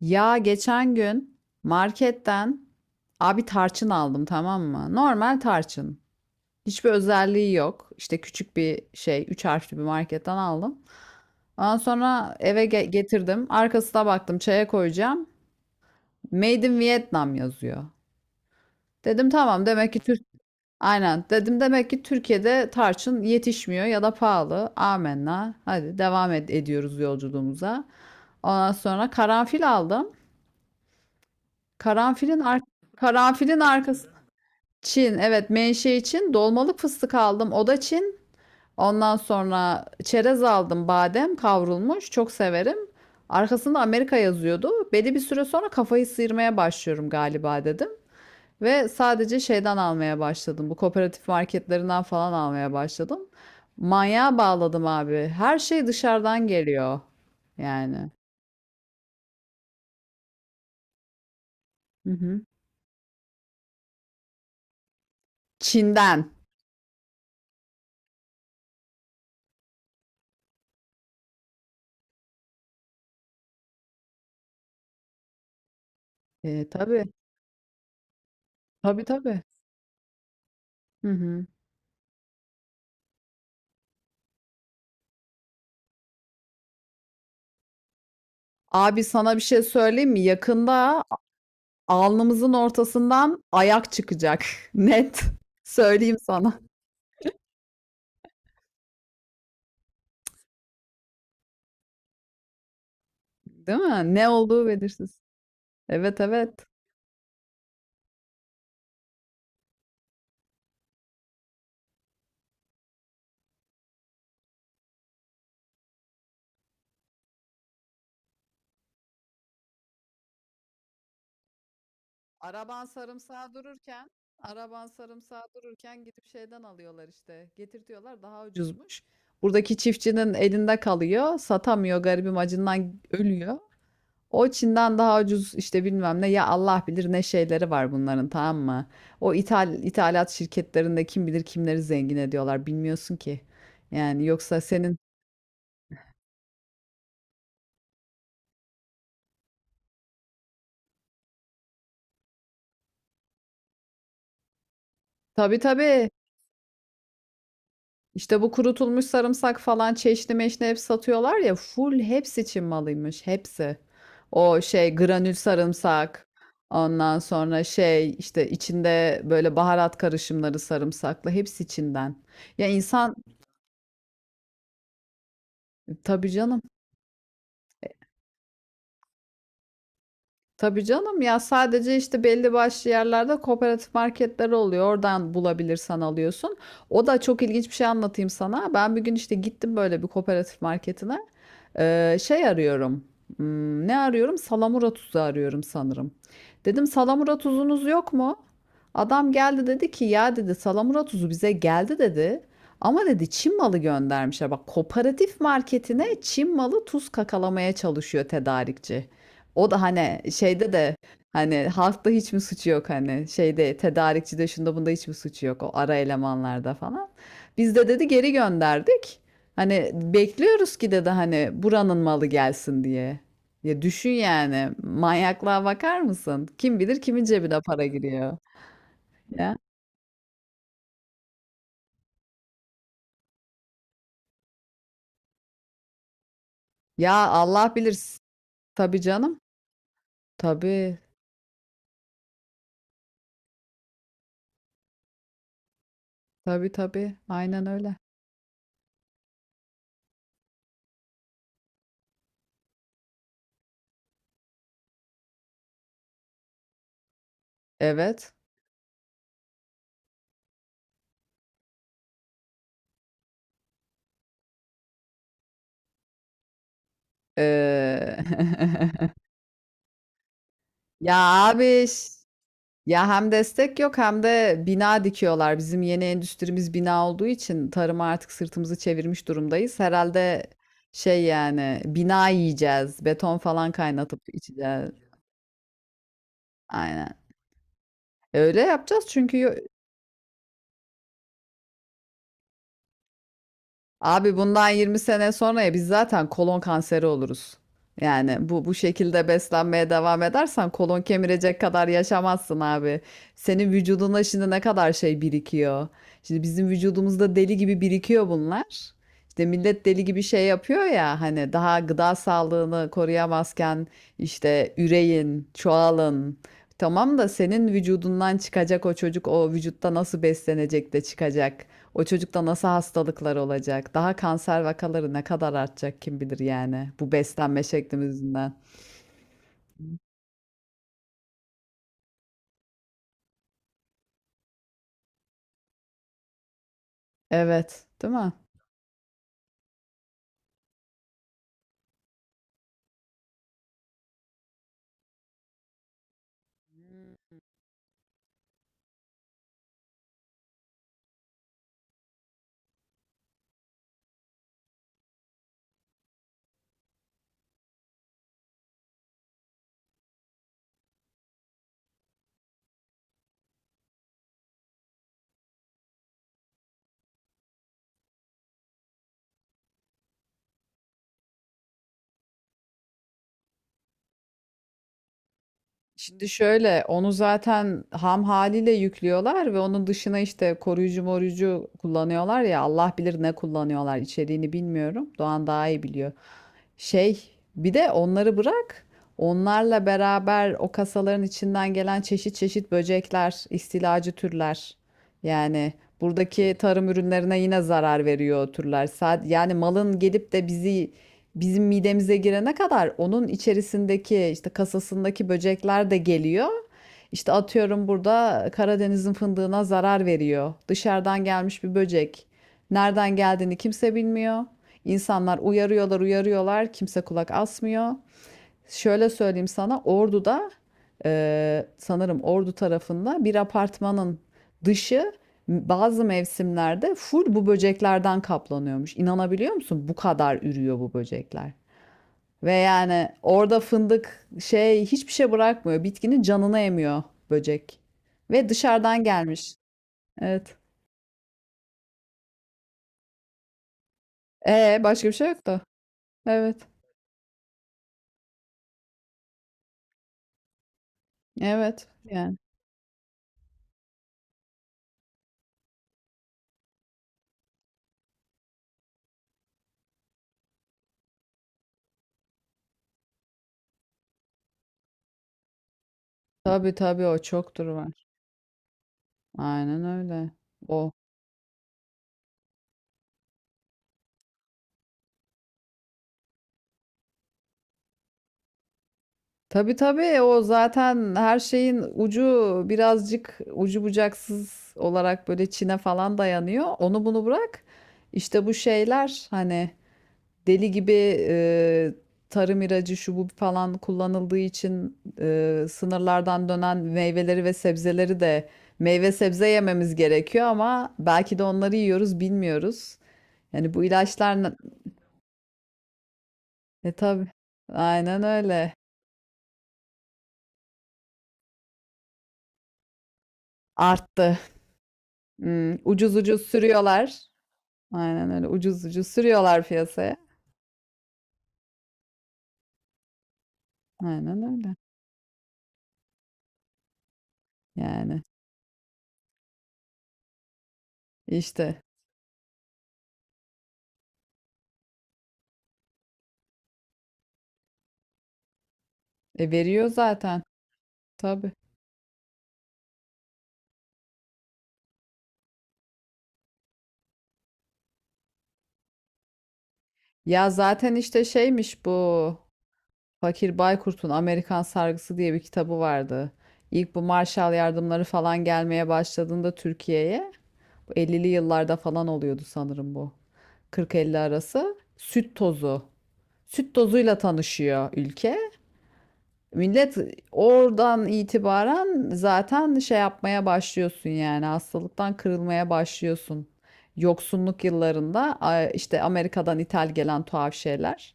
Ya geçen gün marketten abi tarçın aldım, tamam mı? Normal tarçın. Hiçbir özelliği yok. İşte küçük bir şey, 3 harfli bir marketten aldım. Ondan sonra eve getirdim. Arkasına baktım, çaya koyacağım. Made in Vietnam yazıyor. Dedim tamam, demek ki Türk. Aynen dedim, demek ki Türkiye'de tarçın yetişmiyor ya da pahalı. Amenna. Hadi devam ediyoruz yolculuğumuza. Ondan sonra karanfil aldım. Karanfilin ar Karanfilin arkası Çin. Evet, menşe Çin. Dolmalık fıstık aldım. O da Çin. Ondan sonra çerez aldım. Badem kavrulmuş. Çok severim. Arkasında Amerika yazıyordu. Belli bir süre sonra kafayı sıyırmaya başlıyorum galiba dedim. Ve sadece şeyden almaya başladım. Bu kooperatif marketlerinden falan almaya başladım. Manyağa bağladım abi. Her şey dışarıdan geliyor. Yani. Hı hı. Çin'den. Tabii. Tabii tabii. Hı hı. Abi sana bir şey söyleyeyim mi? Yakında alnımızın ortasından ayak çıkacak. Net. Söyleyeyim sana. Değil mi? Ne olduğu belirsiz. Evet evet. Araban sarımsağa dururken, araban sarımsağa dururken gidip şeyden alıyorlar işte. Getirtiyorlar, daha ucuzmuş. Buradaki çiftçinin elinde kalıyor. Satamıyor garibim, acından ölüyor. O Çin'den daha ucuz işte, bilmem ne ya, Allah bilir ne şeyleri var bunların, tamam mı? O ithal, ithalat şirketlerinde kim bilir kimleri zengin ediyorlar, bilmiyorsun ki. Yani yoksa senin, tabii tabii, işte bu kurutulmuş sarımsak falan, çeşni meşni hep satıyorlar ya, full hepsi Çin malıymış, hepsi. O şey granül sarımsak, ondan sonra şey işte içinde böyle baharat karışımları sarımsaklı, hepsi Çin'den. Ya insan, tabii canım. Tabii canım, ya sadece işte belli başlı yerlerde kooperatif marketler oluyor. Oradan bulabilirsen alıyorsun. O da çok ilginç, bir şey anlatayım sana. Ben bir gün işte gittim böyle bir kooperatif marketine. Şey arıyorum. Ne arıyorum? Salamura tuzu arıyorum sanırım. Dedim, salamura tuzunuz yok mu? Adam geldi, dedi ki ya dedi, salamura tuzu bize geldi dedi. Ama dedi, Çin malı göndermişler. Bak, kooperatif marketine Çin malı tuz kakalamaya çalışıyor tedarikçi. O da hani şeyde de, hani halkta hiç mi suçu yok, hani şeyde tedarikçide şunda bunda hiç mi suçu yok, o ara elemanlarda falan. Biz de dedi geri gönderdik. Hani bekliyoruz ki dedi, hani buranın malı gelsin diye. Ya düşün yani, manyaklığa bakar mısın? Kim bilir kimin cebine para giriyor ya. Ya Allah bilir. Tabii canım. Tabii. Tabii tabii. Aynen öyle. Evet. Ee, ya abi. Ya hem destek yok, hem de bina dikiyorlar. Bizim yeni endüstrimiz bina olduğu için tarıma artık sırtımızı çevirmiş durumdayız. Herhalde şey, yani bina yiyeceğiz. Beton falan kaynatıp içeceğiz. Aynen. Öyle yapacağız çünkü abi bundan 20 sene sonraya biz zaten kolon kanseri oluruz. Yani bu şekilde beslenmeye devam edersen kolon kemirecek kadar yaşamazsın abi. Senin vücuduna şimdi ne kadar şey birikiyor. Şimdi bizim vücudumuzda deli gibi birikiyor bunlar. İşte millet deli gibi şey yapıyor ya, hani daha gıda sağlığını koruyamazken işte üreyin, çoğalın. Tamam da senin vücudundan çıkacak o çocuk o vücutta nasıl beslenecek de çıkacak. O çocukta nasıl hastalıklar olacak? Daha kanser vakaları ne kadar artacak kim bilir, yani bu beslenme şeklimiz yüzünden. Evet, değil mi? Şimdi şöyle, onu zaten ham haliyle yüklüyorlar ve onun dışına işte koruyucu moruyucu kullanıyorlar ya, Allah bilir ne kullanıyorlar, içeriğini bilmiyorum. Doğan daha iyi biliyor. Şey, bir de onları bırak, onlarla beraber o kasaların içinden gelen çeşit çeşit böcekler, istilacı türler. Yani buradaki tarım ürünlerine yine zarar veriyor o türler. Yani malın gelip de bizim midemize girene kadar onun içerisindeki işte kasasındaki böcekler de geliyor. İşte atıyorum, burada Karadeniz'in fındığına zarar veriyor. Dışarıdan gelmiş bir böcek. Nereden geldiğini kimse bilmiyor. İnsanlar uyarıyorlar, uyarıyorlar. Kimse kulak asmıyor. Şöyle söyleyeyim sana, Ordu'da, sanırım Ordu tarafında bir apartmanın dışı bazı mevsimlerde full bu böceklerden kaplanıyormuş. İnanabiliyor musun? Bu kadar ürüyor bu böcekler. Ve yani orada fındık şey, hiçbir şey bırakmıyor. Bitkinin canını emiyor böcek. Ve dışarıdan gelmiş. Evet. Başka bir şey yok da. Evet. Evet. Yani tabii tabii o çoktur var. Aynen öyle. O. Tabii tabii, o zaten her şeyin ucu birazcık ucu bucaksız olarak böyle Çin'e falan dayanıyor. Onu bunu bırak. İşte bu şeyler hani, deli gibi e, tarım ilacı şu bu falan kullanıldığı için sınırlardan dönen meyveleri ve sebzeleri de, meyve sebze yememiz gerekiyor ama belki de onları yiyoruz bilmiyoruz. Yani bu ilaçlar tabii, aynen öyle, arttı. Ucuz ucuz sürüyorlar. Aynen öyle, ucuz ucuz sürüyorlar piyasaya. Aynen öyle. Yani işte veriyor zaten, tabii. Ya zaten işte şeymiş bu, Fakir Baykurt'un Amerikan Sargısı diye bir kitabı vardı. İlk bu Marshall yardımları falan gelmeye başladığında Türkiye'ye, bu 50'li yıllarda falan oluyordu sanırım bu. 40-50 arası süt tozu. Süt tozuyla tanışıyor ülke. Millet oradan itibaren zaten şey yapmaya başlıyorsun yani, hastalıktan kırılmaya başlıyorsun. Yoksunluk yıllarında işte Amerika'dan ithal gelen tuhaf şeyler.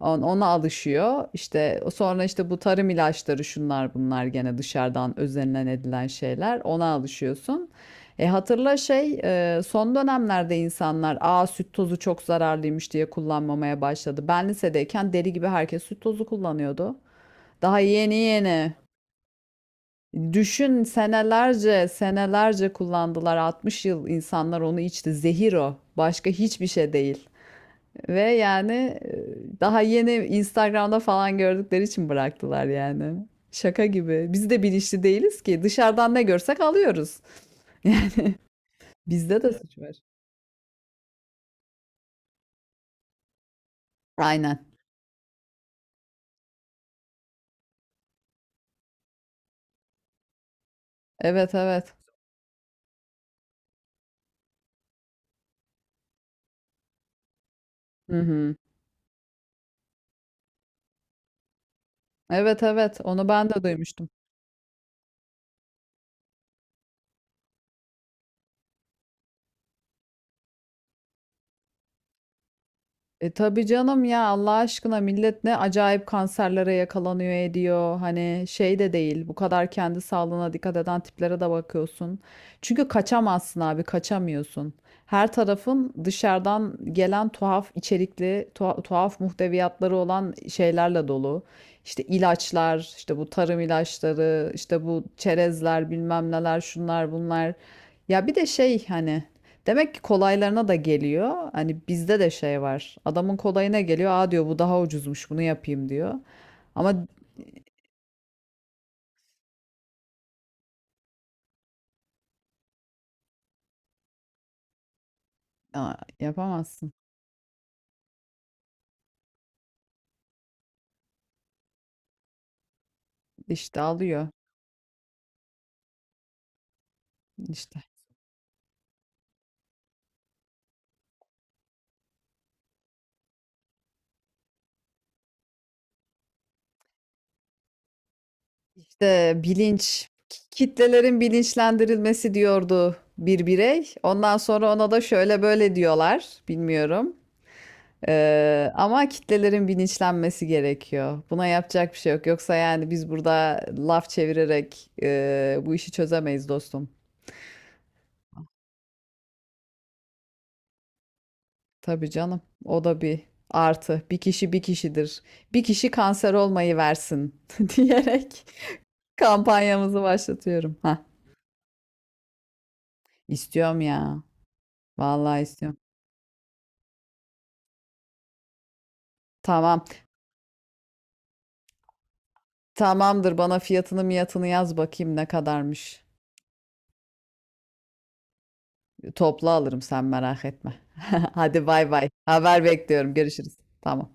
Ona alışıyor. İşte sonra işte bu tarım ilaçları, şunlar bunlar, gene dışarıdan özenilen edilen şeyler. Ona alışıyorsun. Hatırla şey, son dönemlerde insanlar, aa süt tozu çok zararlıymış diye kullanmamaya başladı. Ben lisedeyken deli gibi herkes süt tozu kullanıyordu. Daha yeni yeni. Düşün, senelerce senelerce kullandılar. 60 yıl insanlar onu içti. Zehir o. Başka hiçbir şey değil. Ve yani daha yeni Instagram'da falan gördükleri için bıraktılar yani. Şaka gibi. Biz de bilinçli değiliz ki. Dışarıdan ne görsek alıyoruz. Bizde de suç. Aynen. Evet evet. Hı hı. Evet evet. Onu ben de duymuştum. Tabii canım, ya Allah aşkına millet ne acayip kanserlere yakalanıyor ediyor. Hani şey de değil, bu kadar kendi sağlığına dikkat eden tiplere de bakıyorsun. Çünkü kaçamazsın abi, kaçamıyorsun. Her tarafın dışarıdan gelen tuhaf içerikli tuhaf muhteviyatları olan şeylerle dolu. İşte ilaçlar, işte bu tarım ilaçları, işte bu çerezler, bilmem neler, şunlar bunlar. Ya bir de şey, hani demek ki kolaylarına da geliyor. Hani bizde de şey var. Adamın kolayına geliyor. Aa diyor, bu daha ucuzmuş, bunu yapayım diyor. Ama aa, yapamazsın. İşte alıyor. İşte. İşte bilinç. Kitlelerin bilinçlendirilmesi diyordu bir birey. Ondan sonra ona da şöyle böyle diyorlar. Bilmiyorum. Ama kitlelerin bilinçlenmesi gerekiyor. Buna yapacak bir şey yok. Yoksa yani biz burada laf çevirerek bu işi çözemeyiz dostum. Tabii canım. O da bir artı. Bir kişi bir kişidir. Bir kişi kanser olmayı versin diyerek kampanyamızı başlatıyorum. Ha, istiyorum ya. Vallahi istiyorum. Tamam. Tamamdır. Bana fiyatını miyatını yaz bakayım ne kadarmış. Toplu alırım, sen merak etme. Hadi bay bay. Haber bekliyorum. Görüşürüz. Tamam.